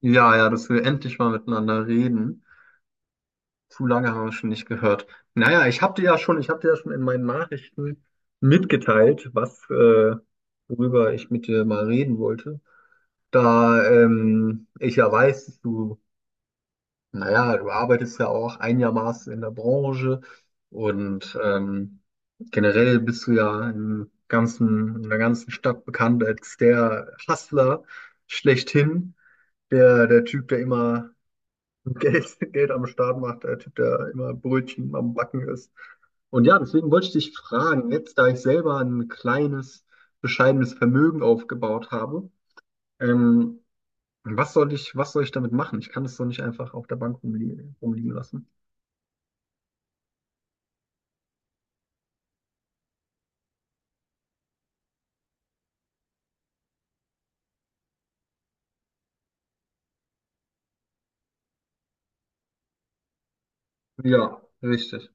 Ja, ja, dass wir endlich mal miteinander reden. Zu lange haben wir schon nicht gehört. Naja, ich habe dir ja schon, ich habe dir ja schon in meinen Nachrichten mitgeteilt, worüber ich mit dir mal reden wollte. Da ich ja weiß, dass du, naja, du arbeitest ja auch einigermaßen in der Branche und generell bist du ja im in der ganzen Stadt bekannt als der Hustler schlechthin, der Typ, der immer Geld, Geld am Start macht, der Typ, der immer Brötchen am Backen ist. Und ja, deswegen wollte ich dich fragen, jetzt da ich selber ein kleines, bescheidenes Vermögen aufgebaut habe, ähm, was soll ich damit machen? Ich kann es so nicht einfach auf der Bank rumliegen, rumliegen lassen. Ja, richtig.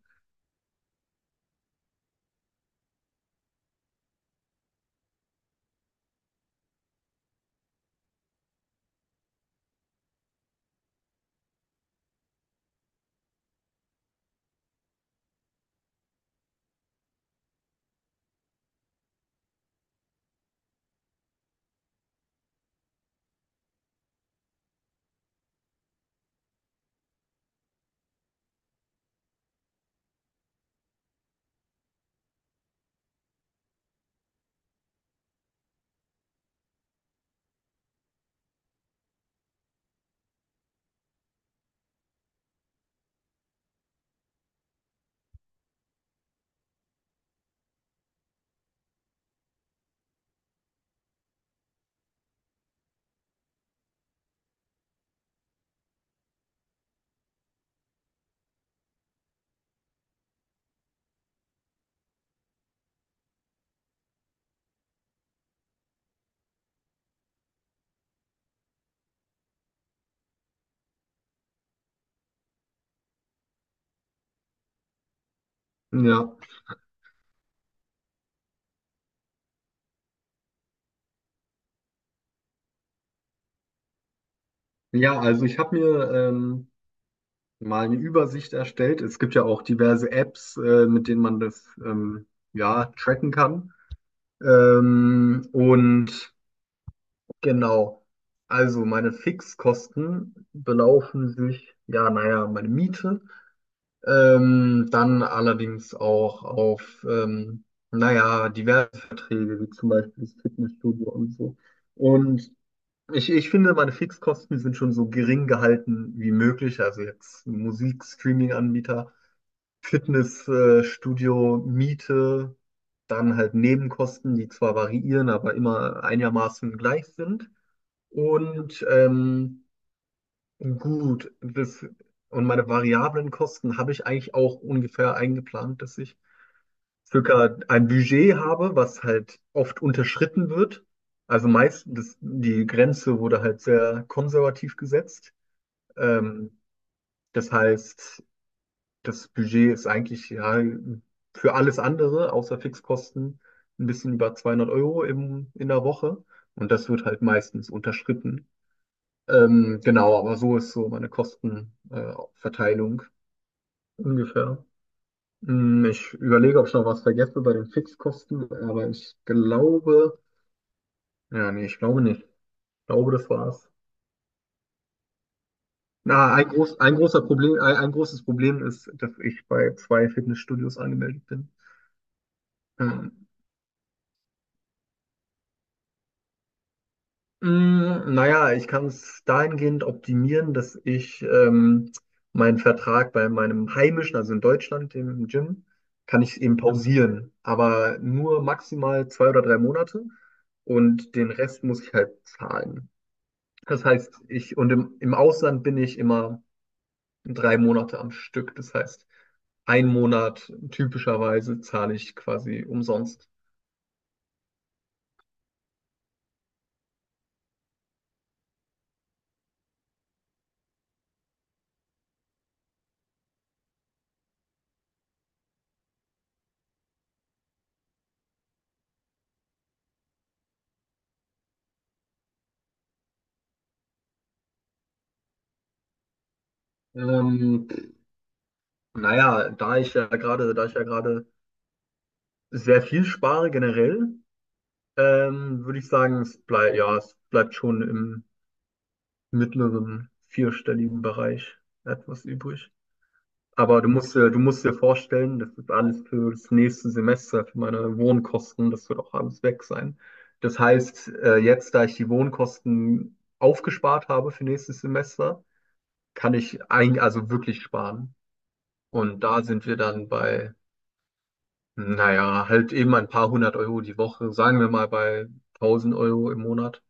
Ja, ja, also ich habe mir mal eine Übersicht erstellt. Es gibt ja auch diverse Apps, mit denen man das ja tracken kann. Ähm, und Genau. Also meine Fixkosten belaufen sich, ja, naja, meine Miete, dann allerdings auch auf, naja, diverse Verträge, wie zum Beispiel das Fitnessstudio und so. Und ich finde, meine Fixkosten sind schon so gering gehalten wie möglich. Also jetzt Musik, Streaming-Anbieter, Fitnessstudio, Studio, Miete, dann halt Nebenkosten, die zwar variieren, aber immer einigermaßen gleich sind. Und ähm, gut, das, und meine variablen Kosten habe ich eigentlich auch ungefähr eingeplant, dass ich circa ein Budget habe, was halt oft unterschritten wird. Also meistens, die Grenze wurde halt sehr konservativ gesetzt. Ähm, das heißt, das Budget ist eigentlich ja für alles andere, außer Fixkosten, ein bisschen über 200 € in der Woche. Und das wird halt meistens unterschritten. Genau, aber so ist so meine Kostenverteilung ungefähr. Hm, ich überlege, ob ich noch was vergesse bei den Fixkosten, aber ich glaube, ja, nee, ich glaube nicht. Ich glaube, das war's. Na, ein großer Problem, ein großes Problem ist, dass ich bei zwei Fitnessstudios angemeldet bin. Ähm, Naja, ich kann es dahingehend optimieren, dass ich meinen Vertrag bei meinem heimischen, also in Deutschland, dem Gym, kann ich eben pausieren, aber nur maximal zwei oder drei Monate und den Rest muss ich halt zahlen. Das heißt, ich und im Ausland bin ich immer drei Monate am Stück. Das heißt, ein Monat typischerweise zahle ich quasi umsonst. Ähm, da ich ja gerade sehr viel spare generell, würde ich sagen, es bleibt, ja, es bleibt schon im mittleren vierstelligen Bereich etwas übrig. Aber du musst dir vorstellen, das ist alles für das nächste Semester, für meine Wohnkosten, das wird auch alles weg sein. Das heißt, jetzt, da ich die Wohnkosten aufgespart habe für nächstes Semester, kann ich ein, also wirklich sparen. Und da sind wir dann bei, naja, halt eben ein paar hundert Euro die Woche, sagen wir mal bei tausend Euro im Monat.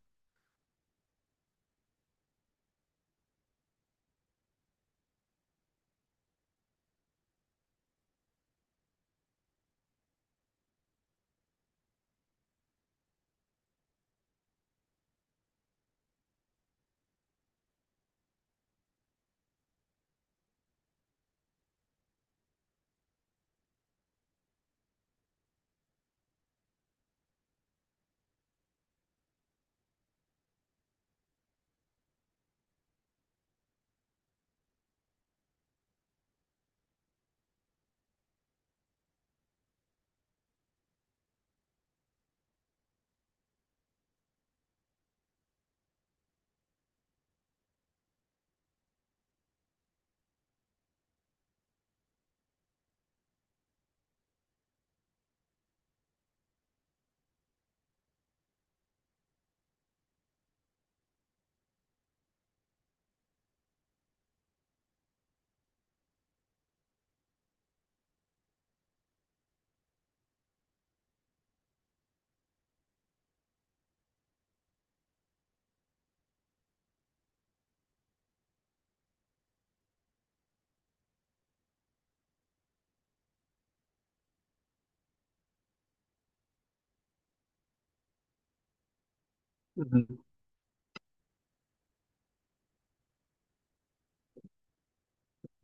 Mhm.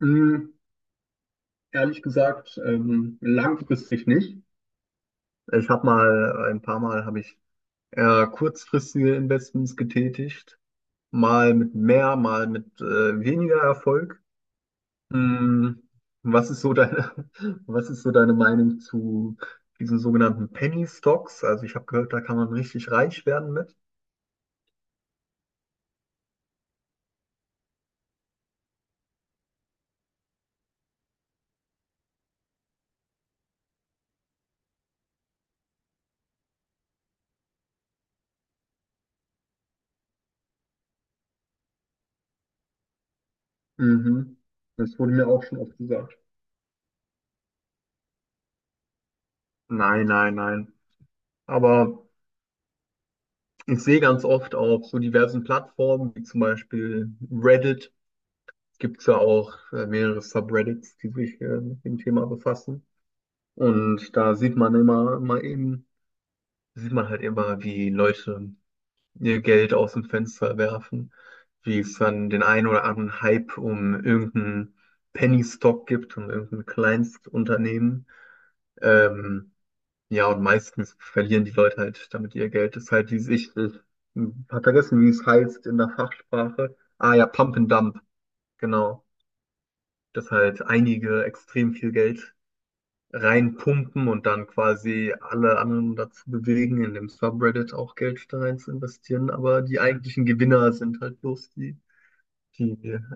Mhm. Ehrlich gesagt, langfristig nicht. Ich habe mal, ein paar Mal habe ich eher kurzfristige Investments getätigt, mal mit mehr, mal mit weniger Erfolg. Hm, was ist so deine, was ist so deine Meinung zu diesen sogenannten Penny Stocks? Also ich habe gehört, da kann man richtig reich werden mit. Mhm. Das wurde mir auch schon oft gesagt. Nein, nein, nein. Aber ich sehe ganz oft auf so diversen Plattformen, wie zum Beispiel Reddit, gibt es ja auch mehrere Subreddits, die sich mit dem Thema befassen. Und da sieht man halt immer, wie Leute ihr Geld aus dem Fenster werfen, wie es dann den einen oder anderen Hype um irgendeinen Penny Stock gibt, um irgendein Kleinstunternehmen. Ähm, Ja, und meistens verlieren die Leute halt damit ihr Geld. Das ist halt dieses, ich hab vergessen, wie es heißt in der Fachsprache. Ah ja, Pump and Dump, genau. Dass halt einige extrem viel Geld reinpumpen und dann quasi alle anderen dazu bewegen, in dem Subreddit auch Geld da rein zu investieren. Aber die eigentlichen Gewinner sind halt bloß die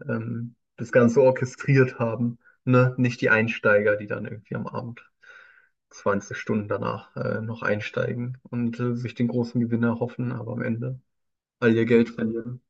das Ganze orchestriert haben, ne? Nicht die Einsteiger, die dann irgendwie am Abend 20 Stunden danach noch einsteigen und sich den großen Gewinn erhoffen, aber am Ende all ihr Geld verlieren.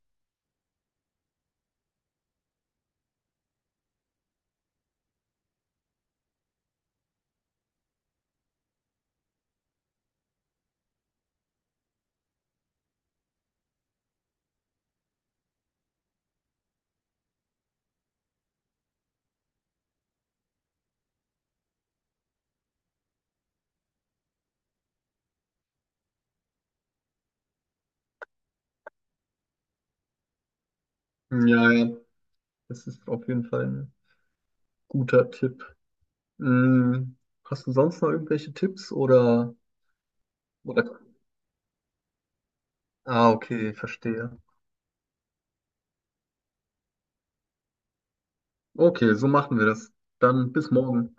Hm, ja, ja, das ist auf jeden Fall ein guter Tipp. Mm, hast du sonst noch irgendwelche Tipps oder? Ah, okay, verstehe. Okay, so machen wir das. Dann bis morgen.